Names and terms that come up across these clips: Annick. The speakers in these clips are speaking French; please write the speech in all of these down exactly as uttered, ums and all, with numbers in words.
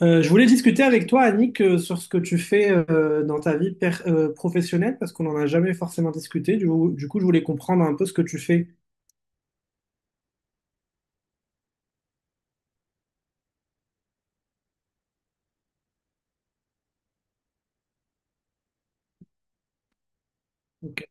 Euh, je voulais discuter avec toi, Annick, euh, sur ce que tu fais euh, dans ta vie per- euh, professionnelle, parce qu'on n'en a jamais forcément discuté. Du, du coup, je voulais comprendre un peu ce que tu fais. Ok.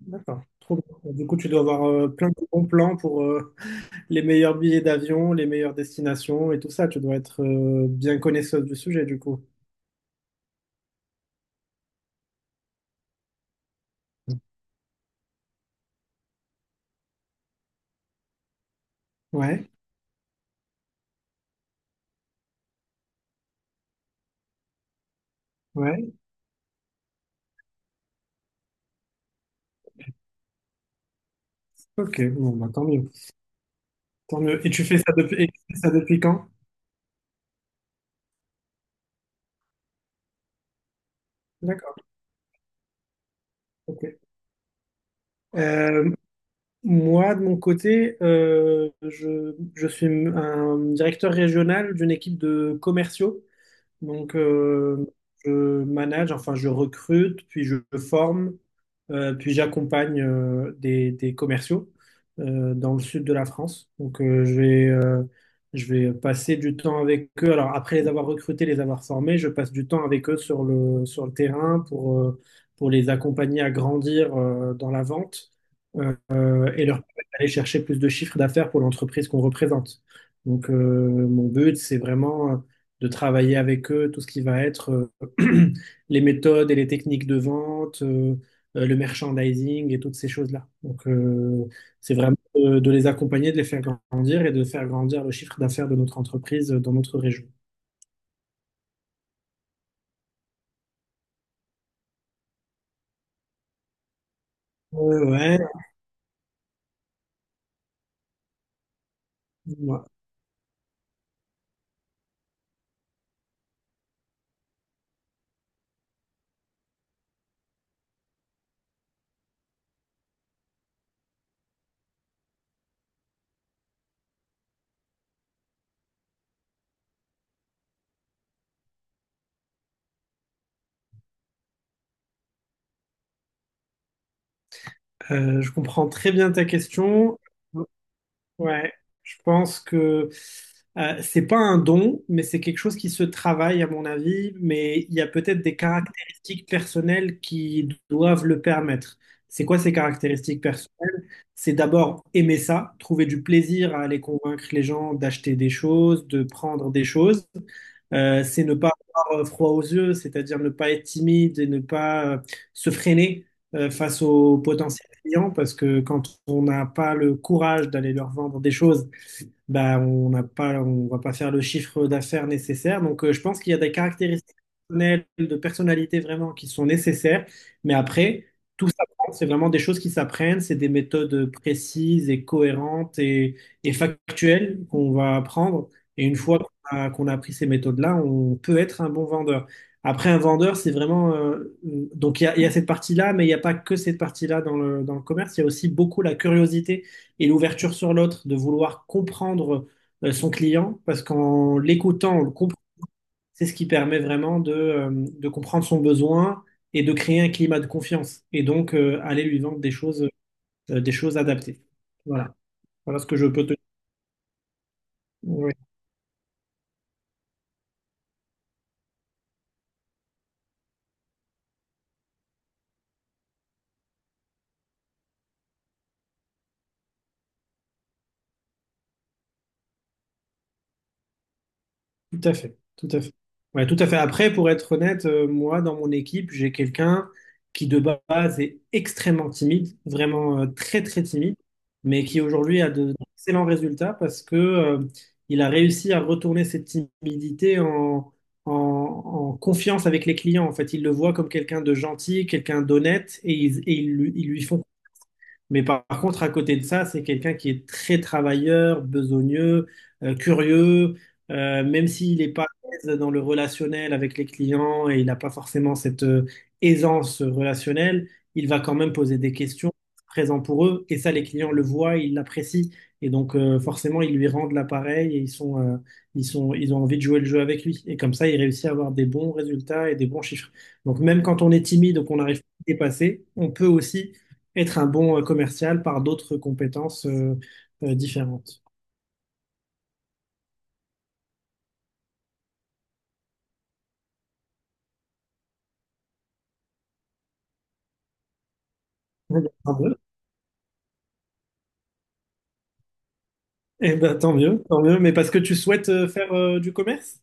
D'accord. Trop bien. Du coup, tu dois avoir euh, plein de bons plans pour euh, les meilleurs billets d'avion, les meilleures destinations et tout ça. Tu dois être euh, bien connaisseuse du sujet, du coup. Ouais, ouais. Ok, bon, bah, tant mieux. Tant mieux. Et tu fais ça depuis, et tu fais ça depuis quand? D'accord. Ok. Euh, Moi, de mon côté, euh, je, je suis un directeur régional d'une équipe de commerciaux. Donc, euh, je manage, enfin, je recrute, puis je forme, euh, puis j'accompagne euh, des, des commerciaux euh, dans le sud de la France. Donc, euh, je vais, euh, je vais passer du temps avec eux. Alors, après les avoir recrutés, les avoir formés, je passe du temps avec eux sur le, sur le terrain pour, euh, pour les accompagner à grandir euh, dans la vente euh, euh, et leur permettre d'aller chercher plus de chiffres d'affaires pour l'entreprise qu'on représente. Donc, euh, mon but, c'est vraiment euh, de travailler avec eux tout ce qui va être euh, les méthodes et les techniques de vente, euh, euh, le merchandising et toutes ces choses-là. Donc, euh, c'est vraiment de, de les accompagner, de les faire grandir et de faire grandir le chiffre d'affaires de notre entreprise euh, dans notre région. Ouais, ouais, ouais. Euh, je comprends très bien ta question. Ouais, je pense que euh, c'est pas un don, mais c'est quelque chose qui se travaille à mon avis, mais il y a peut-être des caractéristiques personnelles qui doivent le permettre. C'est quoi ces caractéristiques personnelles? C'est d'abord aimer ça, trouver du plaisir à aller convaincre les gens d'acheter des choses, de prendre des choses. Euh, c'est ne pas avoir euh, froid aux yeux, c'est-à-dire ne pas être timide et ne pas euh, se freiner euh, face aux potentialités clients, parce que quand on n'a pas le courage d'aller leur vendre des choses, bah, on n'a pas, on va pas faire le chiffre d'affaires nécessaire. Donc, euh, je pense qu'il y a des caractéristiques personnelles, de personnalité vraiment qui sont nécessaires. Mais après, tout s'apprend. C'est vraiment des choses qui s'apprennent. C'est des méthodes précises et cohérentes et, et factuelles qu'on va apprendre. Et une fois qu'on a, qu'on a appris ces méthodes-là, on peut être un bon vendeur. Après, un vendeur, c'est vraiment... euh, donc, il y a, il y a cette partie-là, mais il n'y a pas que cette partie-là dans le, dans le commerce. Il y a aussi beaucoup la curiosité et l'ouverture sur l'autre, de vouloir comprendre euh, son client, parce qu'en l'écoutant, on le comprend. C'est ce qui permet vraiment de, euh, de comprendre son besoin et de créer un climat de confiance. Et donc, euh, aller lui vendre des choses, euh, des choses adaptées. Voilà. Voilà ce que je peux te dire. Tout à fait, tout à fait. Ouais, tout à fait. Après, pour être honnête, euh, moi, dans mon équipe, j'ai quelqu'un qui de base est extrêmement timide, vraiment euh, très très timide, mais qui aujourd'hui a de- d'excellents résultats parce que euh, il a réussi à retourner cette timidité en, en, en confiance avec les clients. En fait, il le voit comme quelqu'un de gentil, quelqu'un d'honnête, et ils, et ils lui ils lui font, mais par, par contre, à côté de ça, c'est quelqu'un qui est très travailleur, besogneux, euh, curieux, euh, même s'il n'est pas à l'aise dans le relationnel avec les clients et il n'a pas forcément cette euh, aisance relationnelle, il va quand même poser des questions, présent pour eux. Et ça, les clients le voient, ils l'apprécient. Et donc, euh, forcément, ils lui rendent l'appareil et ils sont, euh, ils sont, ils ont envie de jouer le jeu avec lui. Et comme ça, il réussit à avoir des bons résultats et des bons chiffres. Donc, même quand on est timide ou qu'on n'arrive pas à dépasser, on peut aussi être un bon euh, commercial par d'autres compétences euh, euh, différentes. Eh ben, tant mieux. Eh ben, tant mieux, tant mieux. Mais parce que tu souhaites euh, faire euh, du commerce?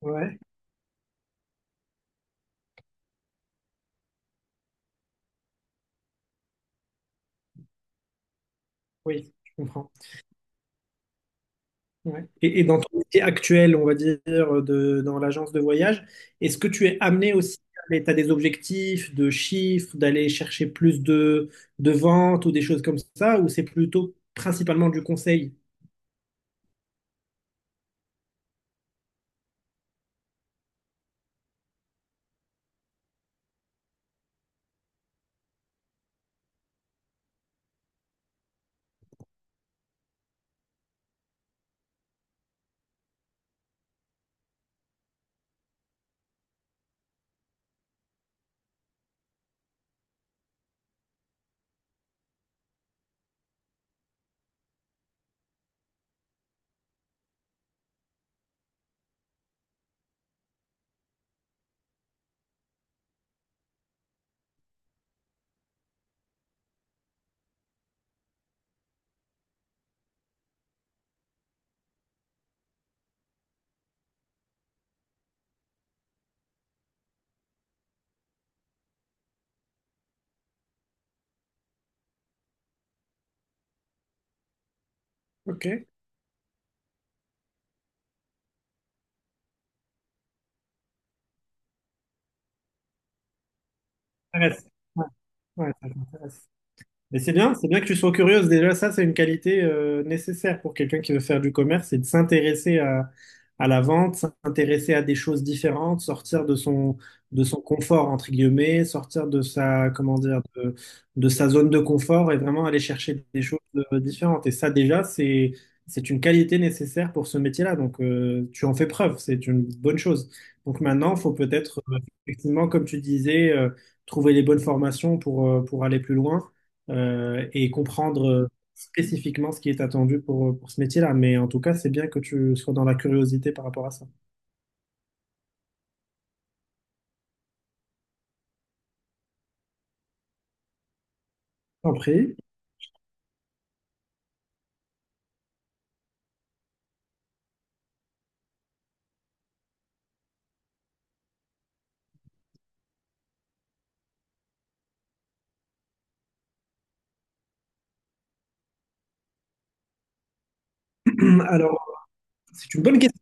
Ouais, oui, je comprends. Ouais. Et, et dans ton métier actuel, on va dire, de, dans l'agence de voyage, est-ce que tu es amené aussi, tu as des objectifs de chiffres, d'aller chercher plus de, de ventes ou des choses comme ça, ou c'est plutôt principalement du conseil? Ok. Ça reste. Ouais, ouais, ça m'intéresse. Mais c'est bien, c'est bien que tu sois curieuse. Déjà, ça, c'est une qualité euh, nécessaire pour quelqu'un qui veut faire du commerce, c'est de s'intéresser à, à la vente, s'intéresser à des choses différentes, sortir de son, de son confort, entre guillemets, sortir de sa, comment dire, de, de sa zone de confort et vraiment aller chercher des choses euh, différentes. Et ça, déjà, c'est, c'est une qualité nécessaire pour ce métier-là. Donc, euh, tu en fais preuve, c'est une bonne chose. Donc maintenant, il faut peut-être, euh, effectivement, comme tu disais, euh, trouver les bonnes formations pour, euh, pour aller plus loin euh, et comprendre euh, spécifiquement ce qui est attendu pour, pour ce métier-là. Mais en tout cas, c'est bien que tu sois dans la curiosité par rapport à ça. T'en prie. Alors, c'est une bonne question.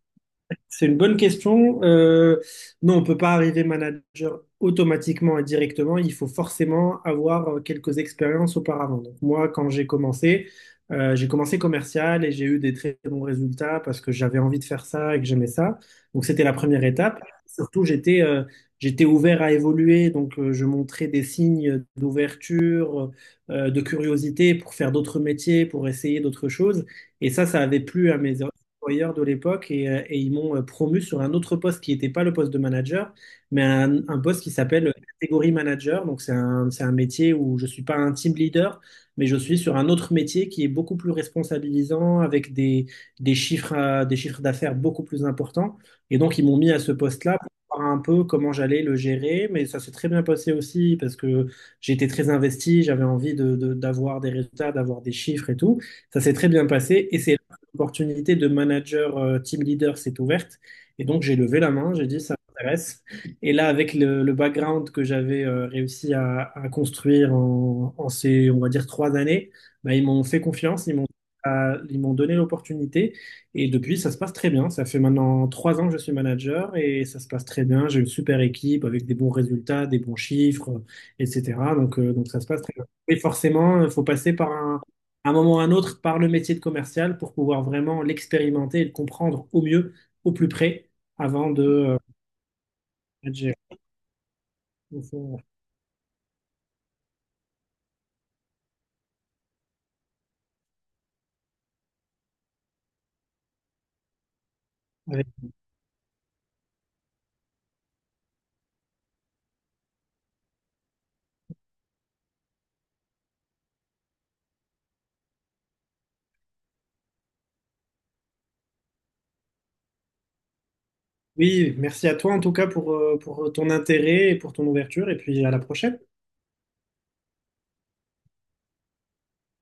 C'est une bonne question. Euh, non, on peut pas arriver manager automatiquement et directement. Il faut forcément avoir euh, quelques expériences auparavant. Donc, moi, quand j'ai commencé, euh, j'ai commencé commercial et j'ai eu des très bons résultats parce que j'avais envie de faire ça et que j'aimais ça. Donc, c'était la première étape. Surtout, j'étais euh, j'étais ouvert à évoluer. Donc, euh, je montrais des signes d'ouverture, euh, de curiosité pour faire d'autres métiers, pour essayer d'autres choses. Et ça, ça avait plu à mes, employeur de l'époque et, euh, et ils m'ont euh, promu sur un autre poste qui n'était pas le poste de manager, mais un, un poste qui s'appelle euh, catégorie manager. Donc c'est un, c'est un métier où je ne suis pas un team leader, mais je suis sur un autre métier qui est beaucoup plus responsabilisant, avec des, des chiffres, à- des chiffres d'affaires beaucoup plus importants. Et donc ils m'ont mis à ce poste-là, pour voir un peu comment j'allais le gérer, mais ça s'est très bien passé aussi parce que j'étais très investi, j'avais envie de, de- d'avoir des résultats, d'avoir des chiffres et tout. Ça s'est très bien passé et c'est opportunité de manager euh, team leader s'est ouverte. Et donc, j'ai levé la main, j'ai dit, ça m'intéresse. Et là, avec le, le background que j'avais euh, réussi à, à construire en, en ces, on va dire, trois années, bah, ils m'ont fait confiance, ils m'ont à- ils m'ont donné l'opportunité. Et depuis, ça se passe très bien. Ça fait maintenant trois ans que je suis manager et ça se passe très bien. J'ai une super équipe avec des bons résultats, des bons chiffres, et cætera. Donc, euh, donc ça se passe très bien. Et forcément, il faut passer par un, à un moment ou à un autre par le métier de commercial pour pouvoir vraiment l'expérimenter et le comprendre au mieux, au plus près, avant de euh, manager. Donc, euh, avec- oui, merci à toi en tout cas pour, euh, pour ton intérêt et pour ton ouverture, et puis à la prochaine.